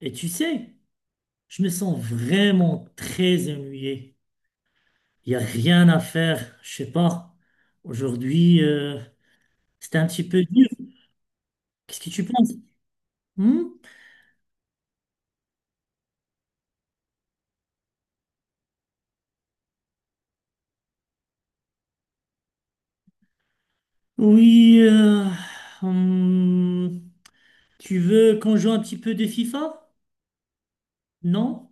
Et tu sais, je me sens vraiment très ennuyé. Il n'y a rien à faire, je sais pas. Aujourd'hui, c'était un petit peu dur. Qu'est-ce que tu penses? Hmm. Oui, hmm, tu veux qu'on joue un petit peu de FIFA? Non?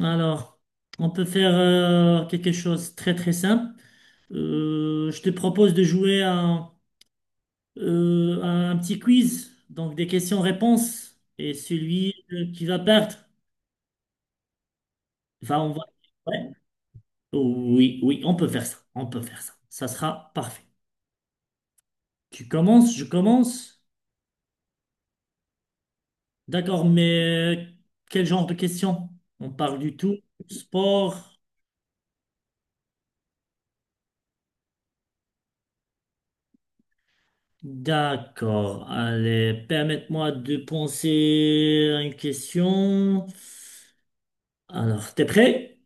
Alors, on peut faire quelque chose de très très simple. Je te propose de jouer à un petit quiz, donc des questions-réponses. Et celui qui va perdre. Enfin, on va... ouais. Oui, oui, on peut faire ça. On peut faire ça. Ça sera parfait. Tu commences, je commence. D'accord, mais quel genre de questions? On parle du tout. Sport. D'accord. Allez, permette-moi de penser à une question. Alors, t'es prêt?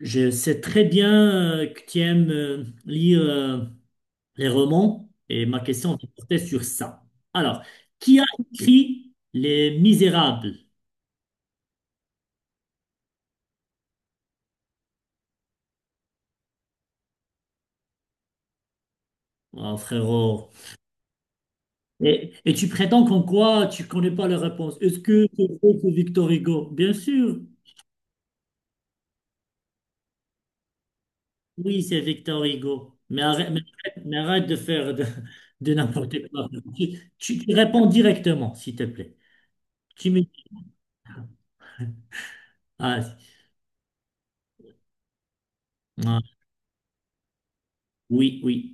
Je sais très bien que tu aimes lire les romans et ma question portait sur ça. Alors, qui a écrit Les Misérables? Ah, frérot. Et tu prétends qu'en quoi tu connais pas la réponse? Est-ce que c'est vrai, c'est Victor Hugo? Bien sûr. Oui, c'est Victor Hugo. Mais arrête de faire de n'importe quoi. Tu réponds directement, s'il te plaît. Tu me dis, ah, ah, oui, oui.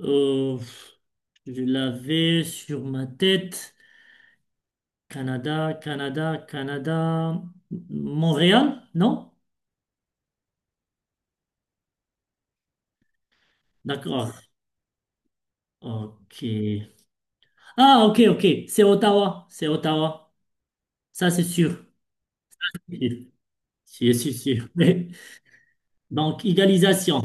Euh, je l'avais sur ma tête. Canada, Canada, Canada. Montréal? Non? D'accord. Ok. Ah, ok, ok. C'est Ottawa. C'est Ottawa. Ça, c'est sûr. Oui, c'est sûr, sûr. Oui. Donc, égalisation.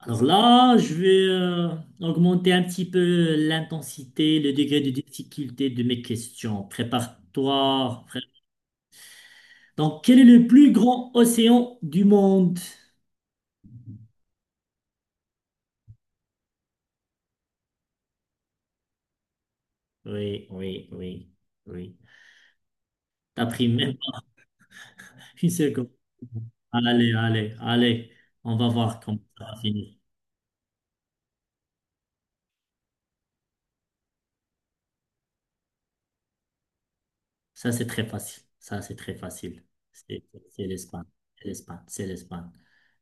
Alors là, je vais augmenter un petit peu l'intensité, le degré de difficulté de mes questions. Prépare-toi, frère. Donc, quel est le plus grand océan du monde? Oui, oui, oui, oui. T'as pris même pas une seconde. Allez, allez, allez. On va voir comment ça va finir. Ça, c'est très facile. Ça, c'est très facile. C'est c'est l'Espagne. C'est l'Espagne. C'est l'Espagne.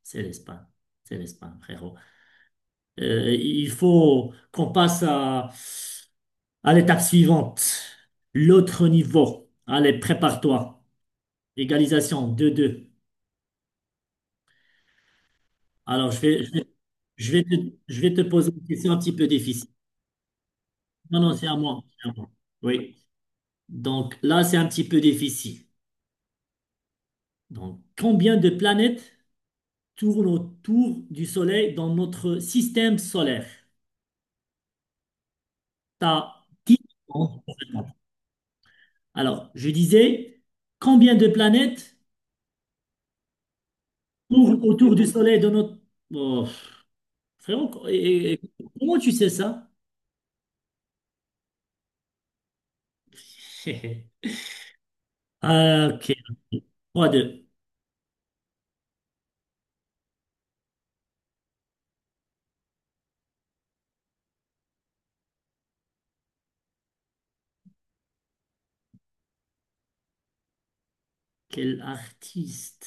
C'est l'Espagne. C'est l'Espagne, frérot. Il faut qu'on passe à l'étape suivante. L'autre niveau. Allez, prépare-toi. Égalisation 2-2. Alors, je vais, je vais, je vais te poser une question un petit peu difficile. Non, non, c'est à moi. C'est à moi. Oui. Donc là, c'est un petit peu difficile. Donc, combien de planètes tourne autour du Soleil dans notre système solaire? T'as 10 ans. Alors, je disais, combien de planètes tournent autour du Soleil dans notre... Oh, frérot, comment tu sais ça? Ah, ok, Trois 2. Quel artiste?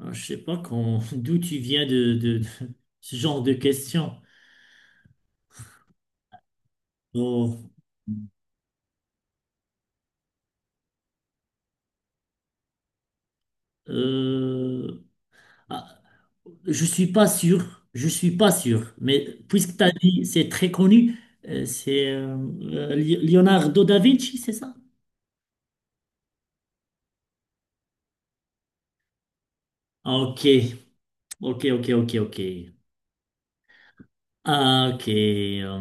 Ah, je sais pas d'où tu viens de ce genre de questions. Oh, euh, ah, je suis pas sûr, je suis pas sûr, mais puisque tu as dit c'est très connu, c'est Leonardo da Vinci, c'est ça? Ah, ok, ok, ok, ok, ok. Ah, ok,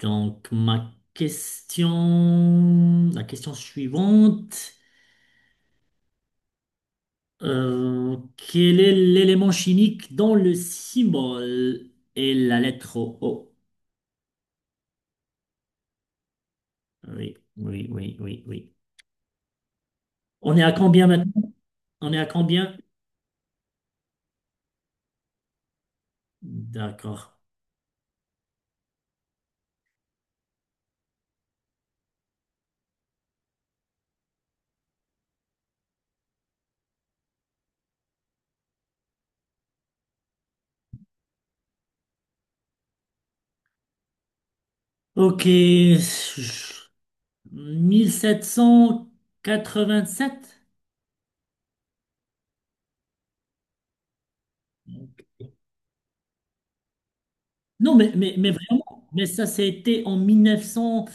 donc ma question, la question suivante, quel est l'élément chimique dont le symbole est la lettre O? Oui, oui, oui, oui, oui. On est à combien maintenant? On est à combien? D'accord. Ok, 1787? Non, mais vraiment, mais ça, c'était en mille neuf cent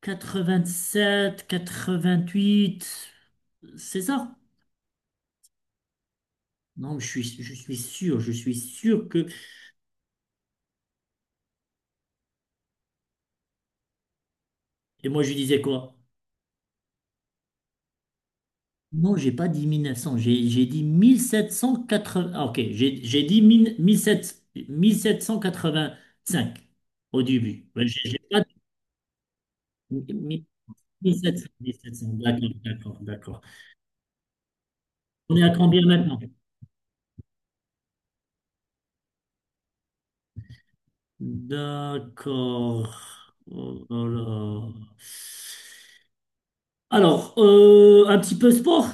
quatre-vingt-sept, quatre-vingt-huit. C'est ça? Non, je suis sûr que... Et moi, je disais quoi? Non, j'ai pas dit 1900, j'ai dit 1780... Ah, ok, j'ai dit 1000 1700 1785 au début. Ouais, j'ai pas dit... 1700, 1700, d'accord, d'accord, d'accord. On est à combien maintenant? D'accord. Oh là là. Alors, un petit peu sport,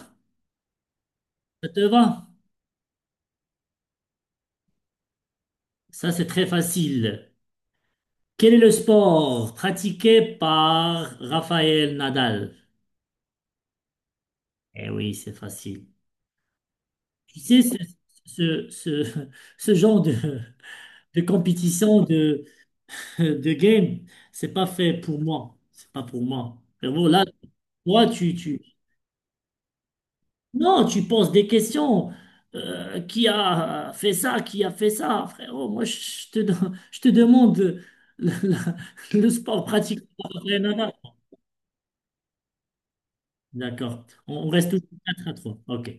ça te va? Ça, c'est très facile. Quel est le sport pratiqué par Raphaël Nadal? Eh oui, c'est facile. Tu sais, ce, ce, ce genre de compétition de game, c'est pas fait pour moi. C'est pas pour moi. Frérot, là, toi, tu... Non, tu poses des questions. Qui a fait ça? Qui a fait ça? Frérot, moi, je te demande la- la- le sport pratique. D'accord. On reste toujours 4-3. OK.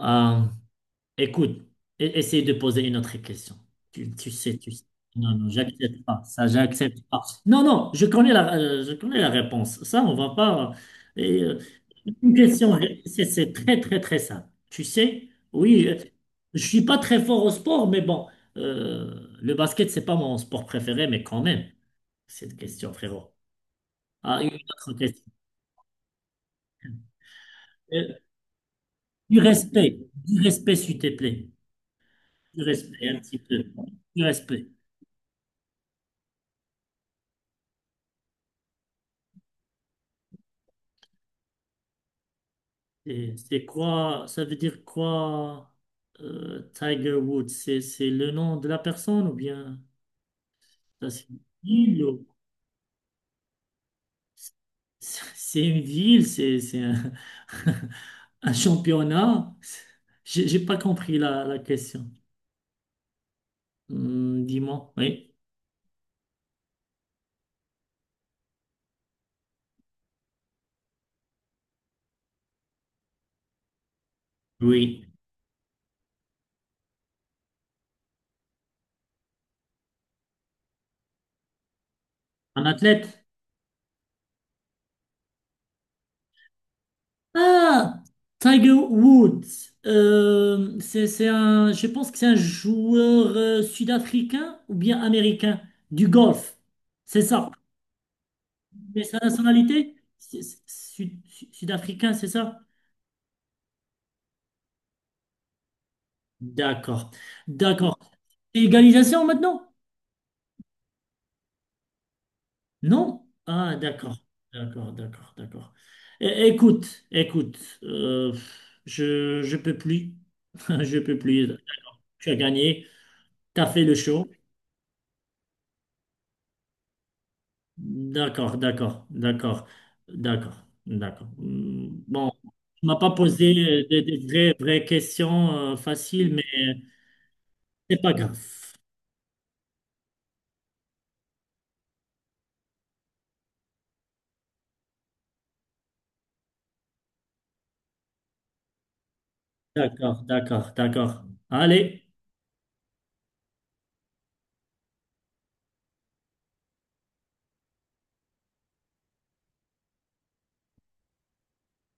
Euh, Écoute, essaye de poser une autre question. Tu sais, tu sais. Non, non, j'accepte pas. Ça, j'accepte pas. Non, non, je connais la réponse. Ça, on va pas. Et, une question, c'est très, très, très simple. Tu sais, oui, je suis pas très fort au sport, mais bon, le basket, c'est pas mon sport préféré, mais quand même, cette question, frérot. Ah, une autre question. Euh, du respect, du respect, s'il te plaît. Du respect, un petit peu. Du respect. C'est quoi, ça veut dire quoi, Tiger Woods? C'est le nom de la personne ou bien ça, c'est une ville? C'est une ville, un championnat? J'ai pas compris la question. Hmm, dis-moi, oui. Oui. Un athlète? Ah, Tiger Woods. Je pense que c'est un joueur sud-africain ou bien américain du golf. C'est ça. Mais sa nationalité, sud-africain, c'est ça? D'accord. D'accord. C'est égalisation maintenant? Non? Ah, d'accord. D'accord, d'accord, d'accord. Écoute, écoute, euh, je peux plus. Je peux plus. Tu as gagné, tu as fait le show. D'accord, d'accord, d'accord, d'accord, d'accord. Bon, tu m'as pas posé des vraies, vraies questions faciles, mais c'est pas grave. D'accord, d'accord, d'accord. Allez.